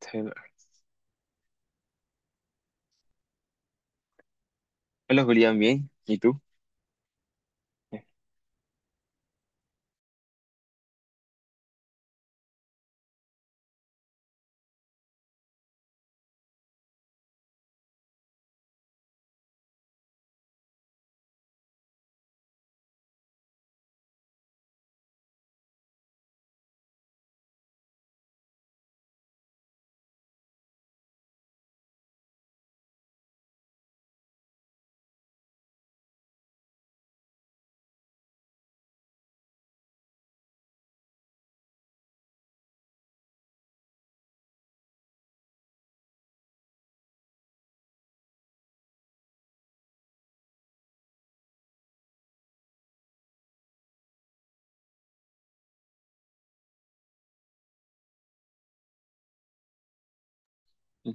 Taylor. Hola Julián, bien. ¿Y tú?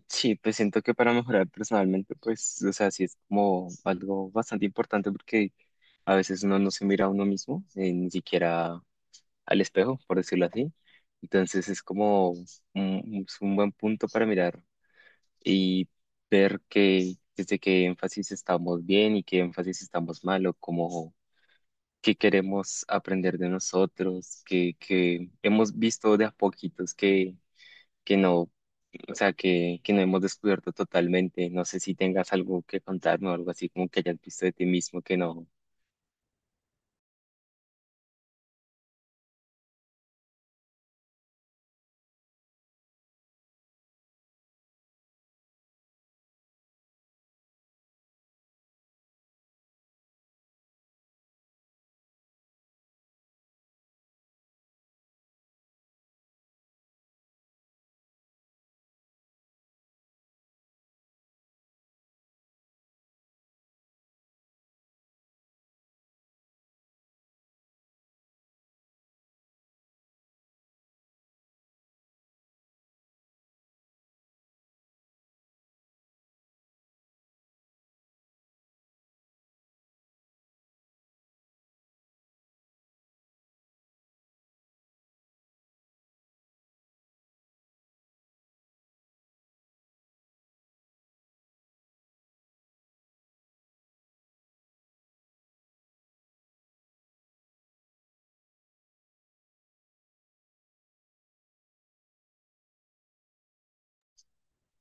Sí, pues siento que para mejorar personalmente, pues, o sea, sí es como algo bastante importante porque a veces uno no se mira a uno mismo, ni siquiera al espejo, por decirlo así. Entonces es como es un buen punto para mirar y ver que desde qué énfasis estamos bien y qué énfasis estamos mal o cómo, que queremos aprender de nosotros, que hemos visto de a poquitos que no, o sea, que no hemos descubierto totalmente. No sé si tengas algo que contarme o algo así como que hayas visto de ti mismo que no.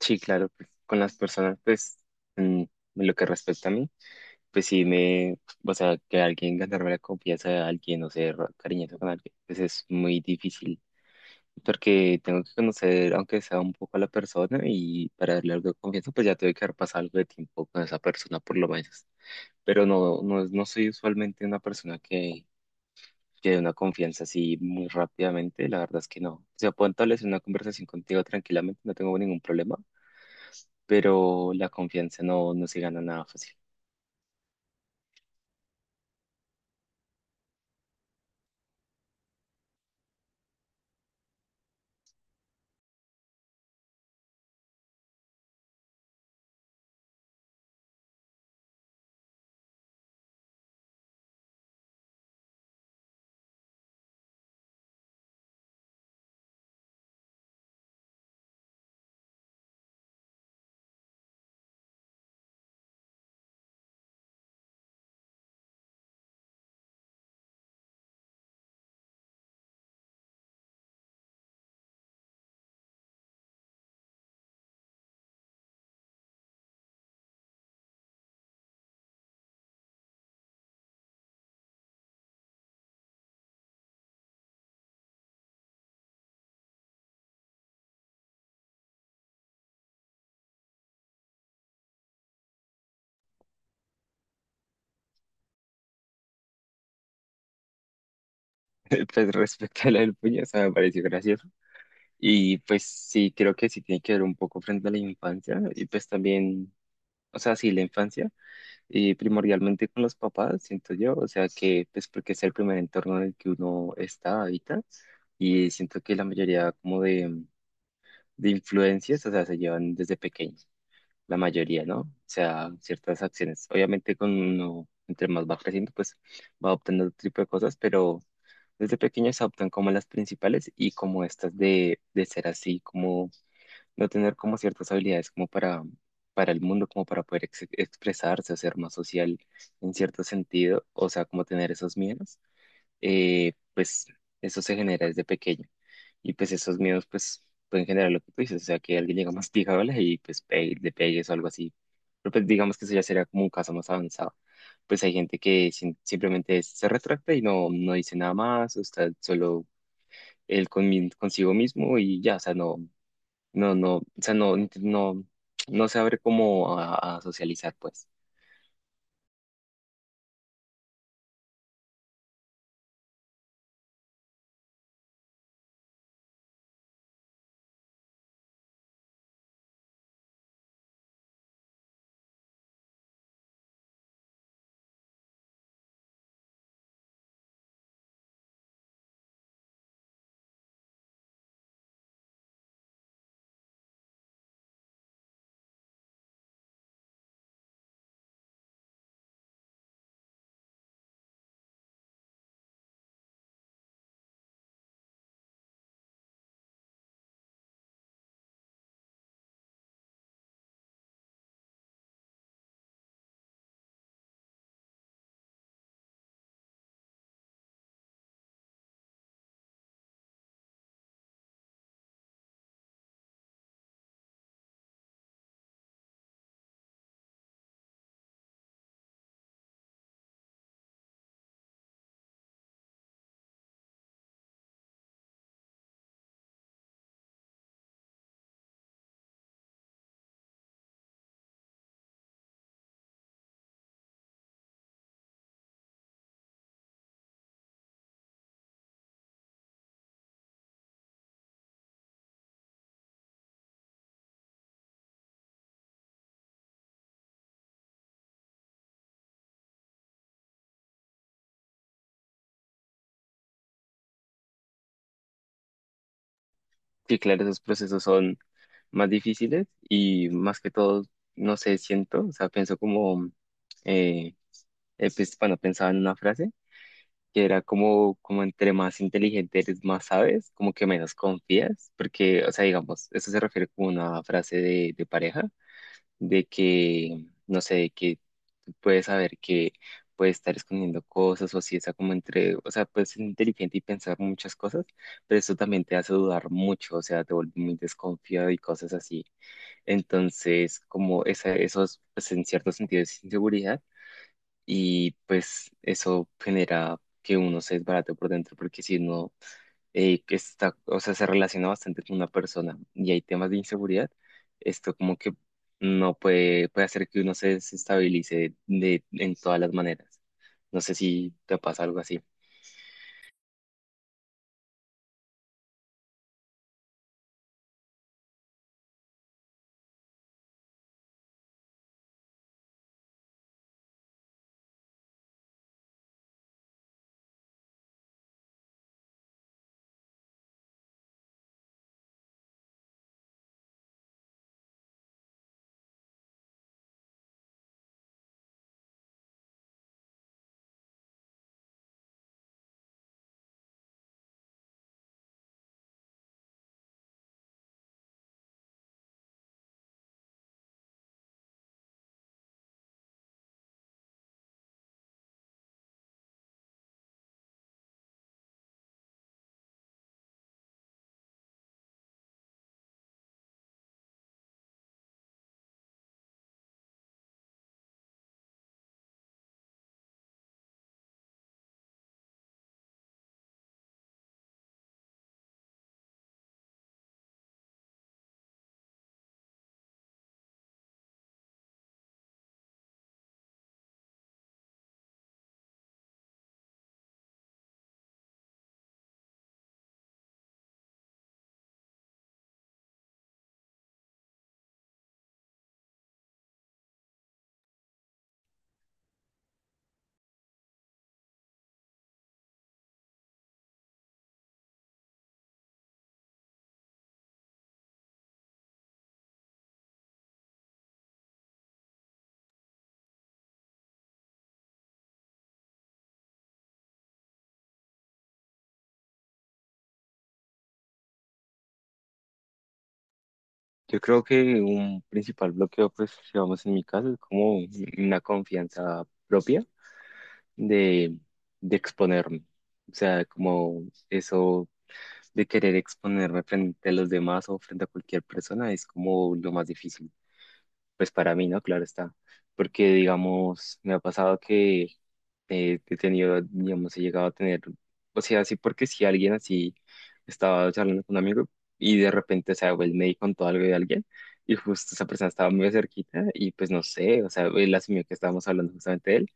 Sí, claro, pues, con las personas, pues, en lo que respecta a mí, pues sí me, o sea, que alguien ganarme la confianza de alguien, o ser cariñoso con alguien, pues es muy difícil. Porque tengo que conocer, aunque sea un poco a la persona, y para darle algo de confianza, pues ya tengo que haber pasado algo de tiempo con esa persona, por lo menos. Pero no soy usualmente una persona que dé una confianza así muy rápidamente, la verdad es que no. O sea, puedo establecer una conversación contigo tranquilamente, no tengo ningún problema, pero la confianza no se gana nada fácil. Pues respecto a la del puño, o sea, me pareció gracioso. Y pues sí, creo que sí tiene que ver un poco frente a la infancia, y pues también, o sea, sí, la infancia. Y primordialmente con los papás, siento yo, o sea que pues porque es el primer entorno en el que uno está ahorita y siento que la mayoría como de influencias, o sea, se llevan desde pequeños, la mayoría, ¿no? O sea, ciertas acciones. Obviamente con uno, entre más va creciendo, pues va adoptando otro tipo de cosas, pero desde pequeños se adoptan como las principales y como estas de ser así, como no tener como ciertas habilidades como para el mundo, como para poder ex- expresarse o ser más social en cierto sentido, o sea, como tener esos miedos, pues eso se genera desde pequeño. Y pues esos miedos pues pueden generar lo que tú dices, o sea, que alguien llega más masticable y pues pe- le pegues o algo así. Pero pues digamos que eso ya sería como un caso más avanzado. Pues hay gente que sin- simplemente se retracta y no dice nada más, o está solo él con, consigo mismo y ya, o sea, no, no, o sea, no, no, no se abre como a socializar, pues. Sí, claro, esos procesos son más difíciles y más que todo, no sé, siento, o sea, pienso como, eh, pues, bueno, pensaba en una frase que era como, como entre más inteligente eres, más sabes, como que menos confías, porque, o sea, digamos, eso se refiere como a una frase de pareja de que, no sé, de que tú puedes saber que puede estar escondiendo cosas o si está como entre, o sea, puedes ser inteligente y pensar muchas cosas, pero eso también te hace dudar mucho, o sea, te vuelve muy desconfiado y cosas así. Entonces, como esos, pues en cierto sentido es inseguridad y pues eso genera que uno se desbarate por dentro porque si no que está, o sea, se relaciona bastante con una persona y hay temas de inseguridad, esto como que no puede, puede hacer que uno se desestabilice de, en todas las maneras. No sé si te pasa algo así. Yo creo que un principal bloqueo, pues, digamos en mi caso, es como una confianza propia de, de exponerme. O sea, como eso de querer exponerme frente a los demás o frente a cualquier persona es como lo más difícil. Pues para mí, ¿no? Claro está. Porque, digamos, me ha pasado que he tenido, digamos, he llegado a tener, o sea, así porque si alguien así estaba charlando con un amigo y de repente, o sea, él me contó algo de alguien y justo esa persona estaba muy cerquita y pues no sé, o sea, él asumió que estábamos hablando justamente de él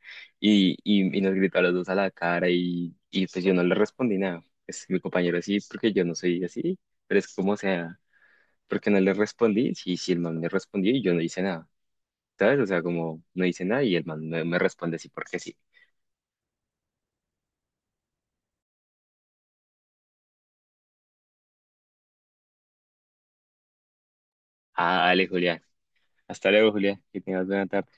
y nos gritó a los dos a la cara y pues yo no le respondí nada. Pues mi compañero sí, porque yo no soy así, pero es como, o sea, porque no le respondí, sí, el man me respondió y yo no hice nada. ¿Sabes? O sea, como no dice nada y el man me responde así porque sí. Ah, dale, Julián. Hasta luego, Julián. Que tengas buena tarde.